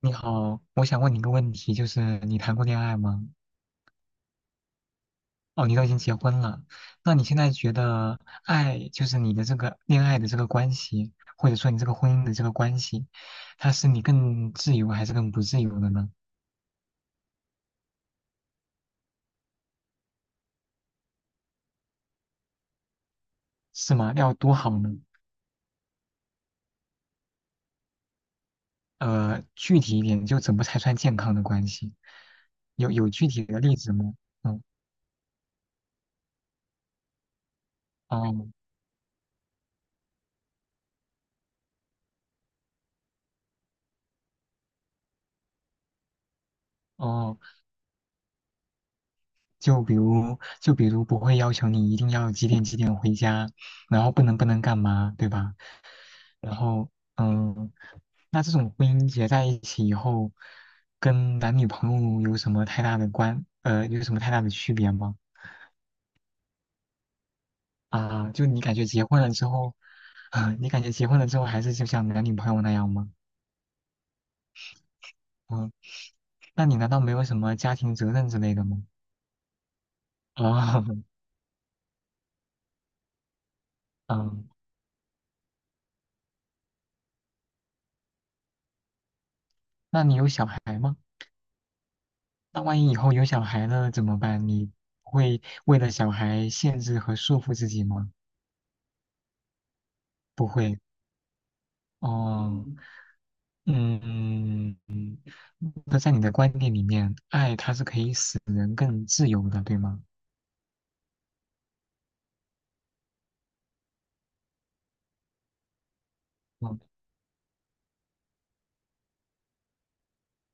你好，我想问你一个问题，就是你谈过恋爱吗？哦，你都已经结婚了，那你现在觉得爱，就是你的这个恋爱的这个关系，或者说你这个婚姻的这个关系，它是你更自由还是更不自由的呢？是吗？要多好呢？具体一点，就怎么才算健康的关系？有具体的例子吗？嗯，哦哦，就比如不会要求你一定要几点几点回家，然后不能干嘛，对吧？然后，嗯，那这种婚姻结在一起以后，跟男女朋友有什么太大的关，有什么太大的区别吗？啊，就你感觉结婚了之后，啊，你感觉结婚了之后还是就像男女朋友那样吗？嗯，那你难道没有什么家庭责任之类的吗？啊，嗯，那你有小孩吗？那万一以后有小孩了怎么办？你会为了小孩限制和束缚自己吗？不会。哦，嗯。那在你的观念里面，爱它是可以使人更自由的，对吗？嗯，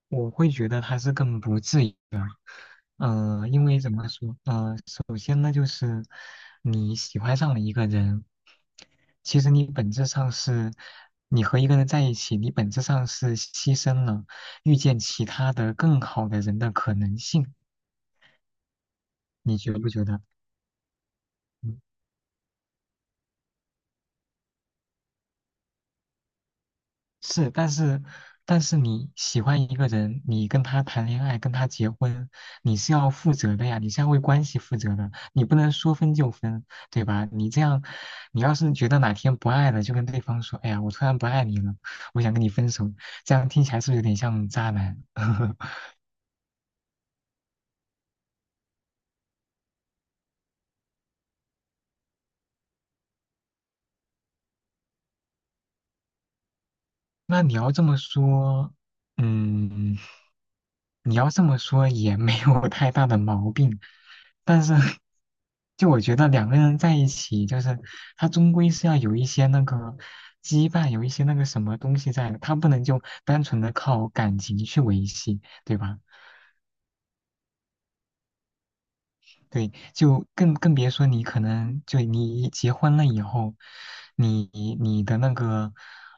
我会觉得它是更不自由。因为怎么说？首先呢，就是你喜欢上了一个人，其实你本质上是，你和一个人在一起，你本质上是牺牲了遇见其他的更好的人的可能性，你觉不觉得？嗯，是，但是你喜欢一个人，你跟他谈恋爱，跟他结婚，你是要负责的呀，你是要为关系负责的，你不能说分就分，对吧？你这样，你要是觉得哪天不爱了，就跟对方说，哎呀，我突然不爱你了，我想跟你分手，这样听起来是不是有点像渣男？那你要这么说，嗯。你要这么说也没有太大的毛病，但是就我觉得两个人在一起，就是他终归是要有一些那个羁绊，有一些那个什么东西在的，他不能就单纯的靠感情去维系，对吧？对，就更别说你可能就你一结婚了以后，你你的那个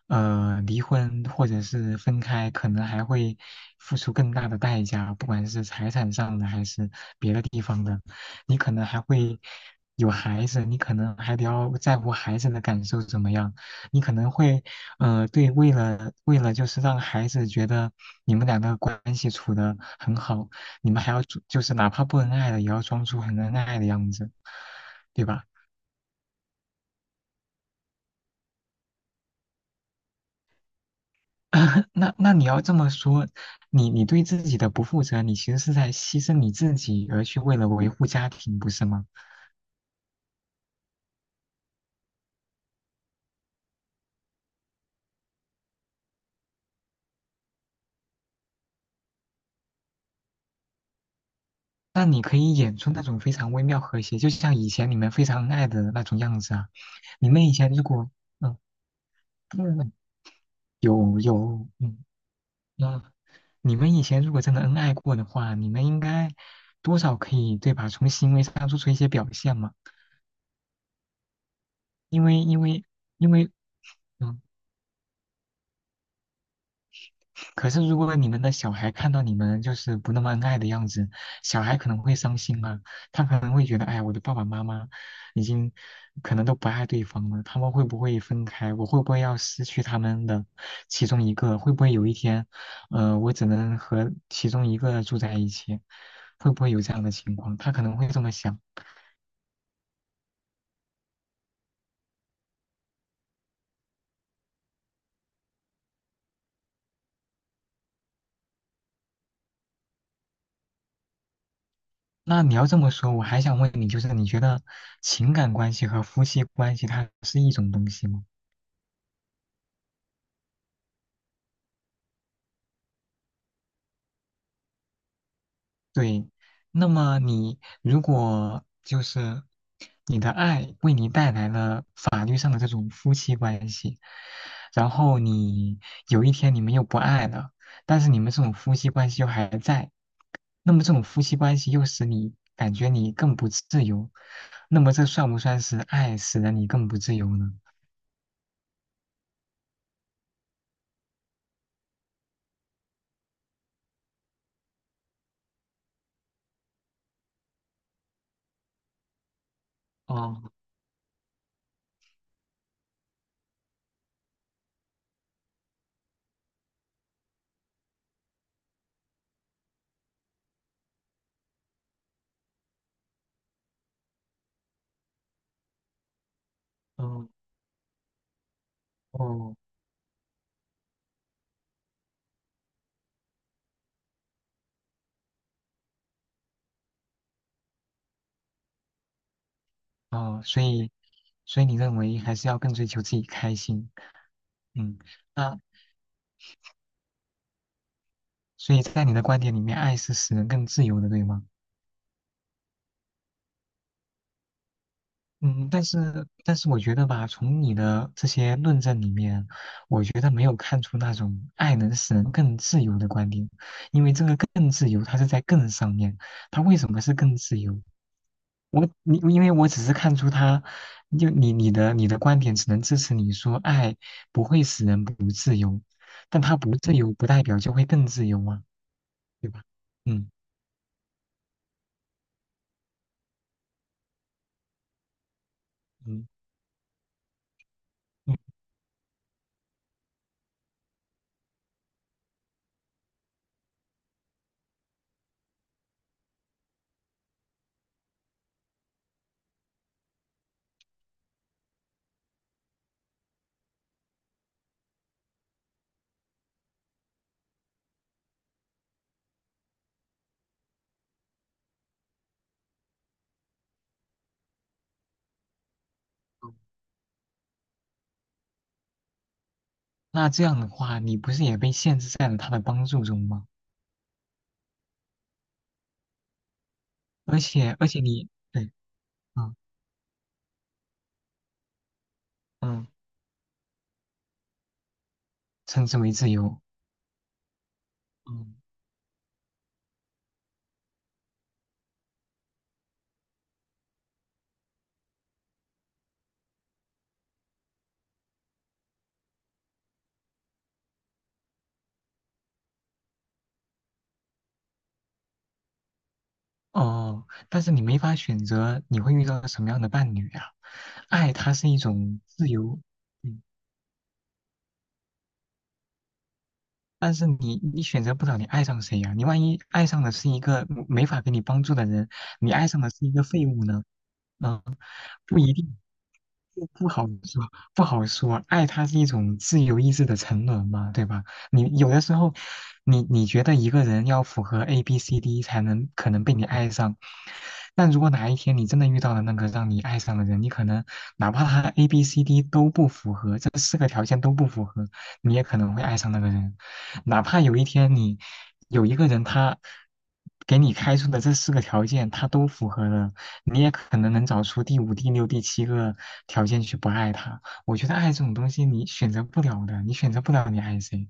离婚或者是分开，可能还会付出更大的代价，不管是财产上的还是别的地方的，你可能还会有孩子，你可能还得要在乎孩子的感受怎么样，你可能会对为了就是让孩子觉得你们两个关系处得很好。你们还要装，就是哪怕不恩爱了，也要装出很恩爱的样子，对吧？那你要这么说，你对自己的不负责，你其实是在牺牲你自己，而去为了维护家庭，不是吗？那你可以演出那种非常微妙和谐，就像以前你们非常恩爱的那种样子啊。你们以前如果嗯，嗯，有，嗯，那你们以前如果真的恩爱过的话，你们应该多少可以对吧？从行为上做出一些表现嘛。因为因为，嗯，可是如果你们的小孩看到你们就是不那么恩爱的样子，小孩可能会伤心啊，他可能会觉得，哎呀，我的爸爸妈妈已经可能都不爱对方了，他们会不会分开？我会不会要失去他们的其中一个？会不会有一天，我只能和其中一个住在一起？会不会有这样的情况？他可能会这么想。那你要这么说，我还想问你，就是你觉得情感关系和夫妻关系它是一种东西吗？对，那么你如果就是你的爱为你带来了法律上的这种夫妻关系，然后你有一天你们又不爱了，但是你们这种夫妻关系又还在，那么这种夫妻关系又使你感觉你更不自由，那么这算不算是爱使得你更不自由呢？哦，哦哦哦，所以你认为还是要更追求自己开心，嗯。那所以在你的观点里面，爱是使人更自由的，对吗？嗯，但是我觉得吧，从你的这些论证里面，我觉得没有看出那种爱能使人更自由的观点，因为这个更自由，它是在更上面，它为什么是更自由？我，你因为我只是看出它，就你的观点只能支持你说爱不会使人不自由，但它不自由不代表就会更自由啊，对吧？嗯，嗯，嗯，那这样的话，你不是也被限制在了他的帮助中吗？而且，而且你，对，嗯，嗯，称之为自由，嗯，哦，但是你没法选择你会遇到什么样的伴侣呀、爱它是一种自由，嗯，但是你选择不了你爱上谁呀、你万一爱上的是一个没法给你帮助的人，你爱上的是一个废物呢？嗯，不一定不好说，不好说。爱它是一种自由意志的沉沦嘛，对吧？你有的时候，你觉得一个人要符合 A B C D 才能可能被你爱上，但如果哪一天你真的遇到了那个让你爱上的人，你可能哪怕他 A B C D 都不符合，这四个条件都不符合，你也可能会爱上那个人。哪怕有一天你有一个人他给你开出的这四个条件他都符合了，你也可能能找出第五、第六、第七个条件去不爱他。我觉得爱这种东西，你选择不了的，你选择不了你爱谁。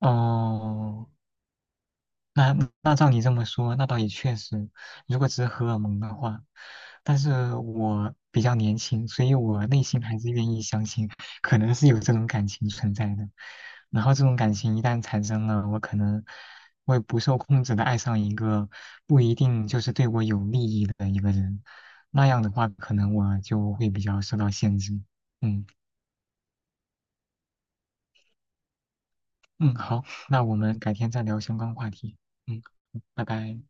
哦，那那照你这么说，那倒也确实，如果只是荷尔蒙的话，但是我比较年轻，所以我内心还是愿意相信，可能是有这种感情存在的。然后这种感情一旦产生了，我可能会不受控制的爱上一个不一定就是对我有利益的一个人，那样的话，可能我就会比较受到限制。嗯，嗯，好，那我们改天再聊相关话题。嗯，拜拜。